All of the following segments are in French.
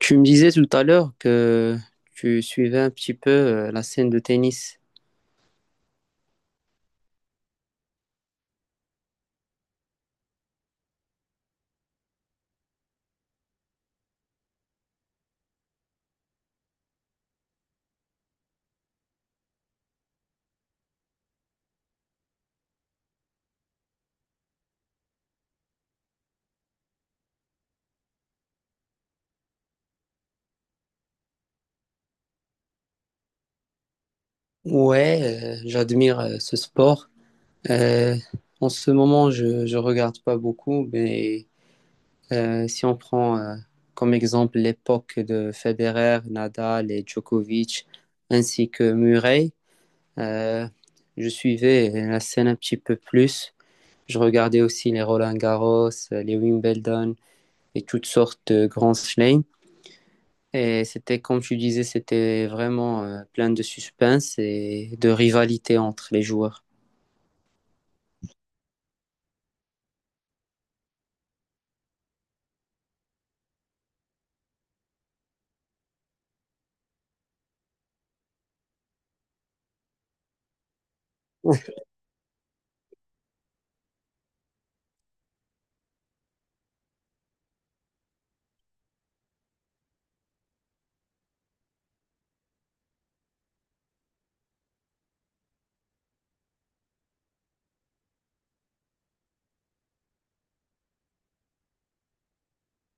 Tu me disais tout à l'heure que tu suivais un petit peu la scène de tennis. Ouais, j'admire ce sport. Euh, En ce moment, je regarde pas beaucoup, mais si on prend comme exemple l'époque de Federer, Nadal et Djokovic, ainsi que Murray, euh, je suivais la scène un petit peu plus. Je regardais aussi les Roland-Garros, les Wimbledon et toutes sortes de grands chelems. Et c'était, comme tu disais, c'était vraiment plein de suspense et de rivalité entre les joueurs.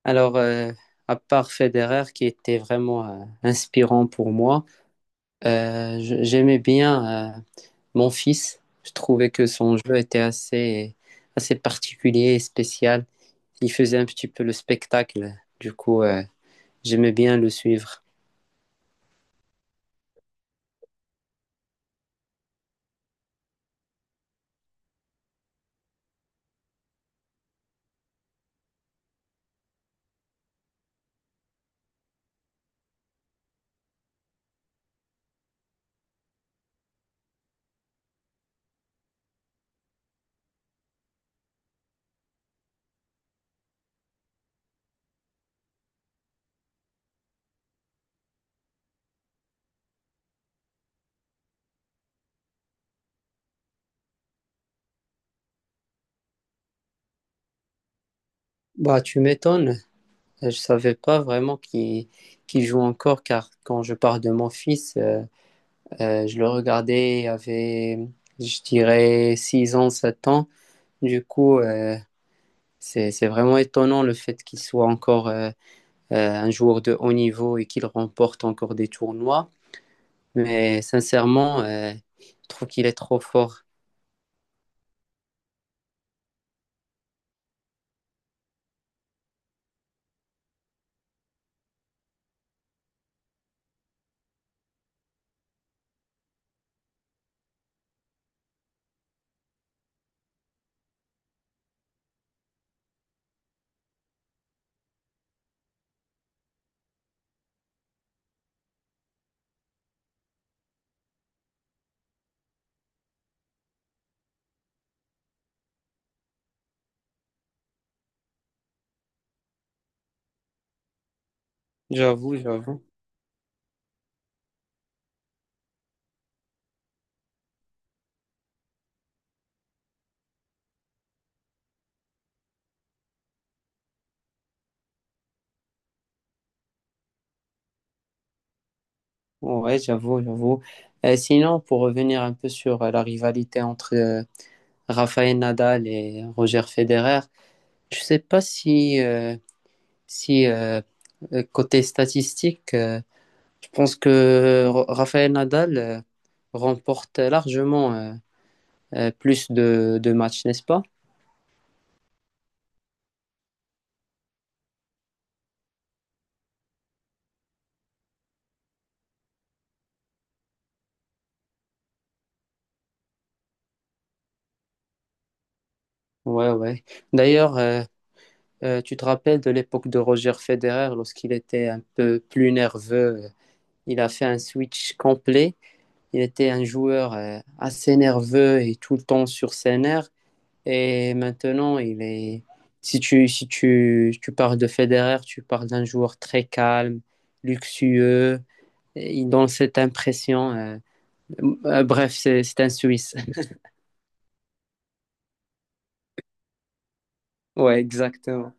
Alors, à part Federer, qui était vraiment inspirant pour moi, j'aimais bien mon fils. Je trouvais que son jeu était assez, assez particulier et spécial. Il faisait un petit peu le spectacle. Du coup, j'aimais bien le suivre. Bah, tu m'étonnes. Je savais pas vraiment qu'il joue encore, car quand je parle de mon fils, je le regardais, il avait, je dirais, 6 ans, 7 ans. Du coup, c'est vraiment étonnant le fait qu'il soit encore un joueur de haut niveau et qu'il remporte encore des tournois. Mais sincèrement, je trouve qu'il est trop fort. J'avoue, j'avoue. Ouais, j'avoue, j'avoue. Sinon, pour revenir un peu sur la rivalité entre Rafael Nadal et Roger Federer, je sais pas si côté statistique, je pense que Rafael Nadal remporte largement plus de matchs, n'est-ce pas? Ouais, ouais. D'ailleurs, tu te rappelles de l'époque de Roger Federer lorsqu'il était un peu plus nerveux. Il a fait un switch complet. Il était un joueur assez nerveux et tout le temps sur ses nerfs. Et maintenant, il est. Si tu parles de Federer, tu parles d'un joueur très calme, luxueux. Et il donne cette impression. Bref, c'est un Suisse. Ouais, exactement.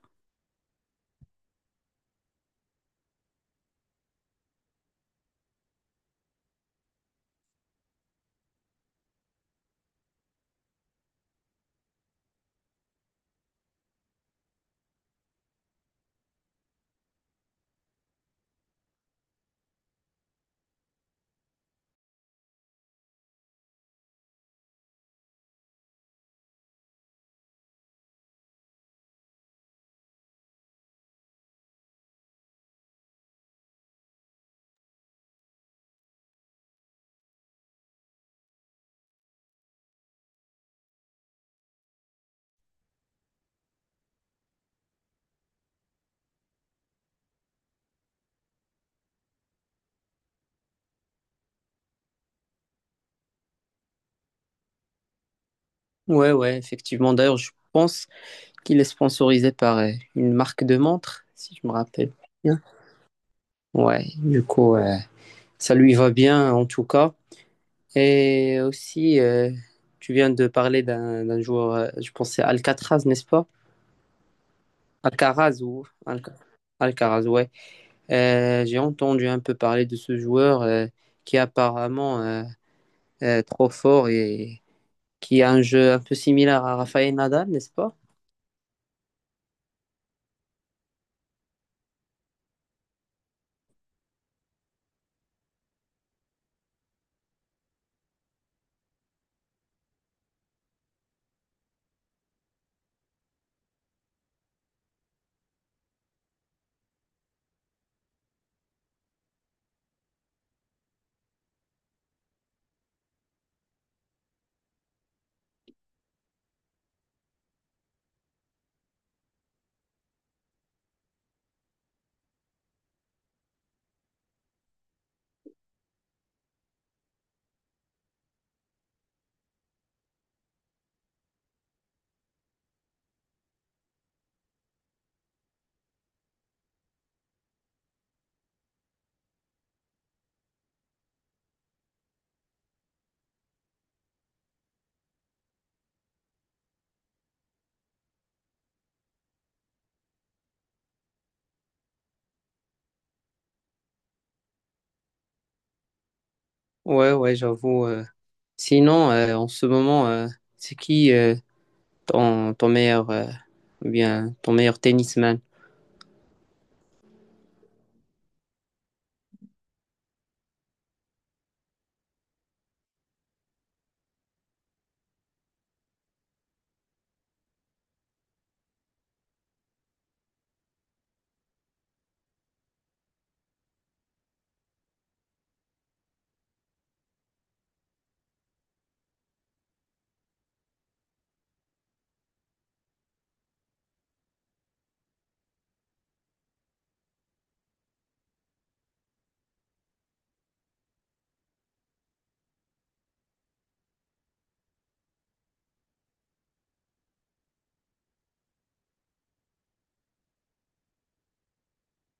Ouais, ouais, effectivement. D'ailleurs, je pense qu'il est sponsorisé par une marque de montre, si je me rappelle bien. Ouais, du coup, ça lui va bien en tout cas. Et aussi, tu viens de parler d'un joueur, je pense que c'est Alcatraz, n'est-ce pas? Alcaraz ou Alcaraz, ouais. J'ai entendu un peu parler de ce joueur qui est apparemment trop fort et qui a un jeu un peu similaire à Rafael Nadal, n'est-ce pas? Ouais, ouais, j'avoue. Sinon, en ce moment, c'est qui ton, ton meilleur, ou bien ton meilleur tennisman?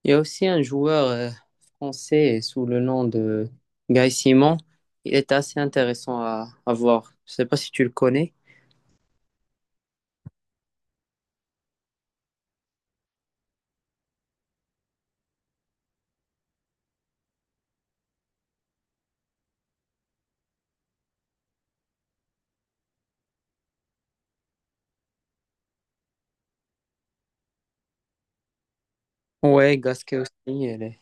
Il y a aussi un joueur français sous le nom de Guy Simon. Il est assez intéressant à voir. Je sais pas si tu le connais. Ouais, Gasquet aussi. Elle est-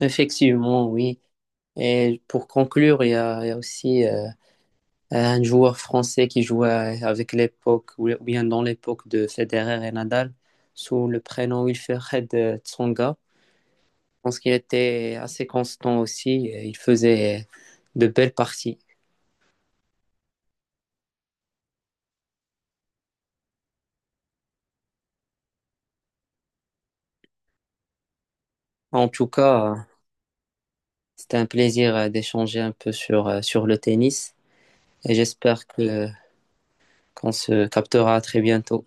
Effectivement, oui. Et pour conclure, il y a aussi un joueur français qui jouait avec l'époque, ou bien dans l'époque de Federer et Nadal, sous le prénom Wilfried Tsonga. Je pense qu'il était assez constant aussi, et il faisait de belles parties. En tout cas, c'était un plaisir d'échanger un peu sur, sur le tennis et j'espère que qu'on se captera très bientôt.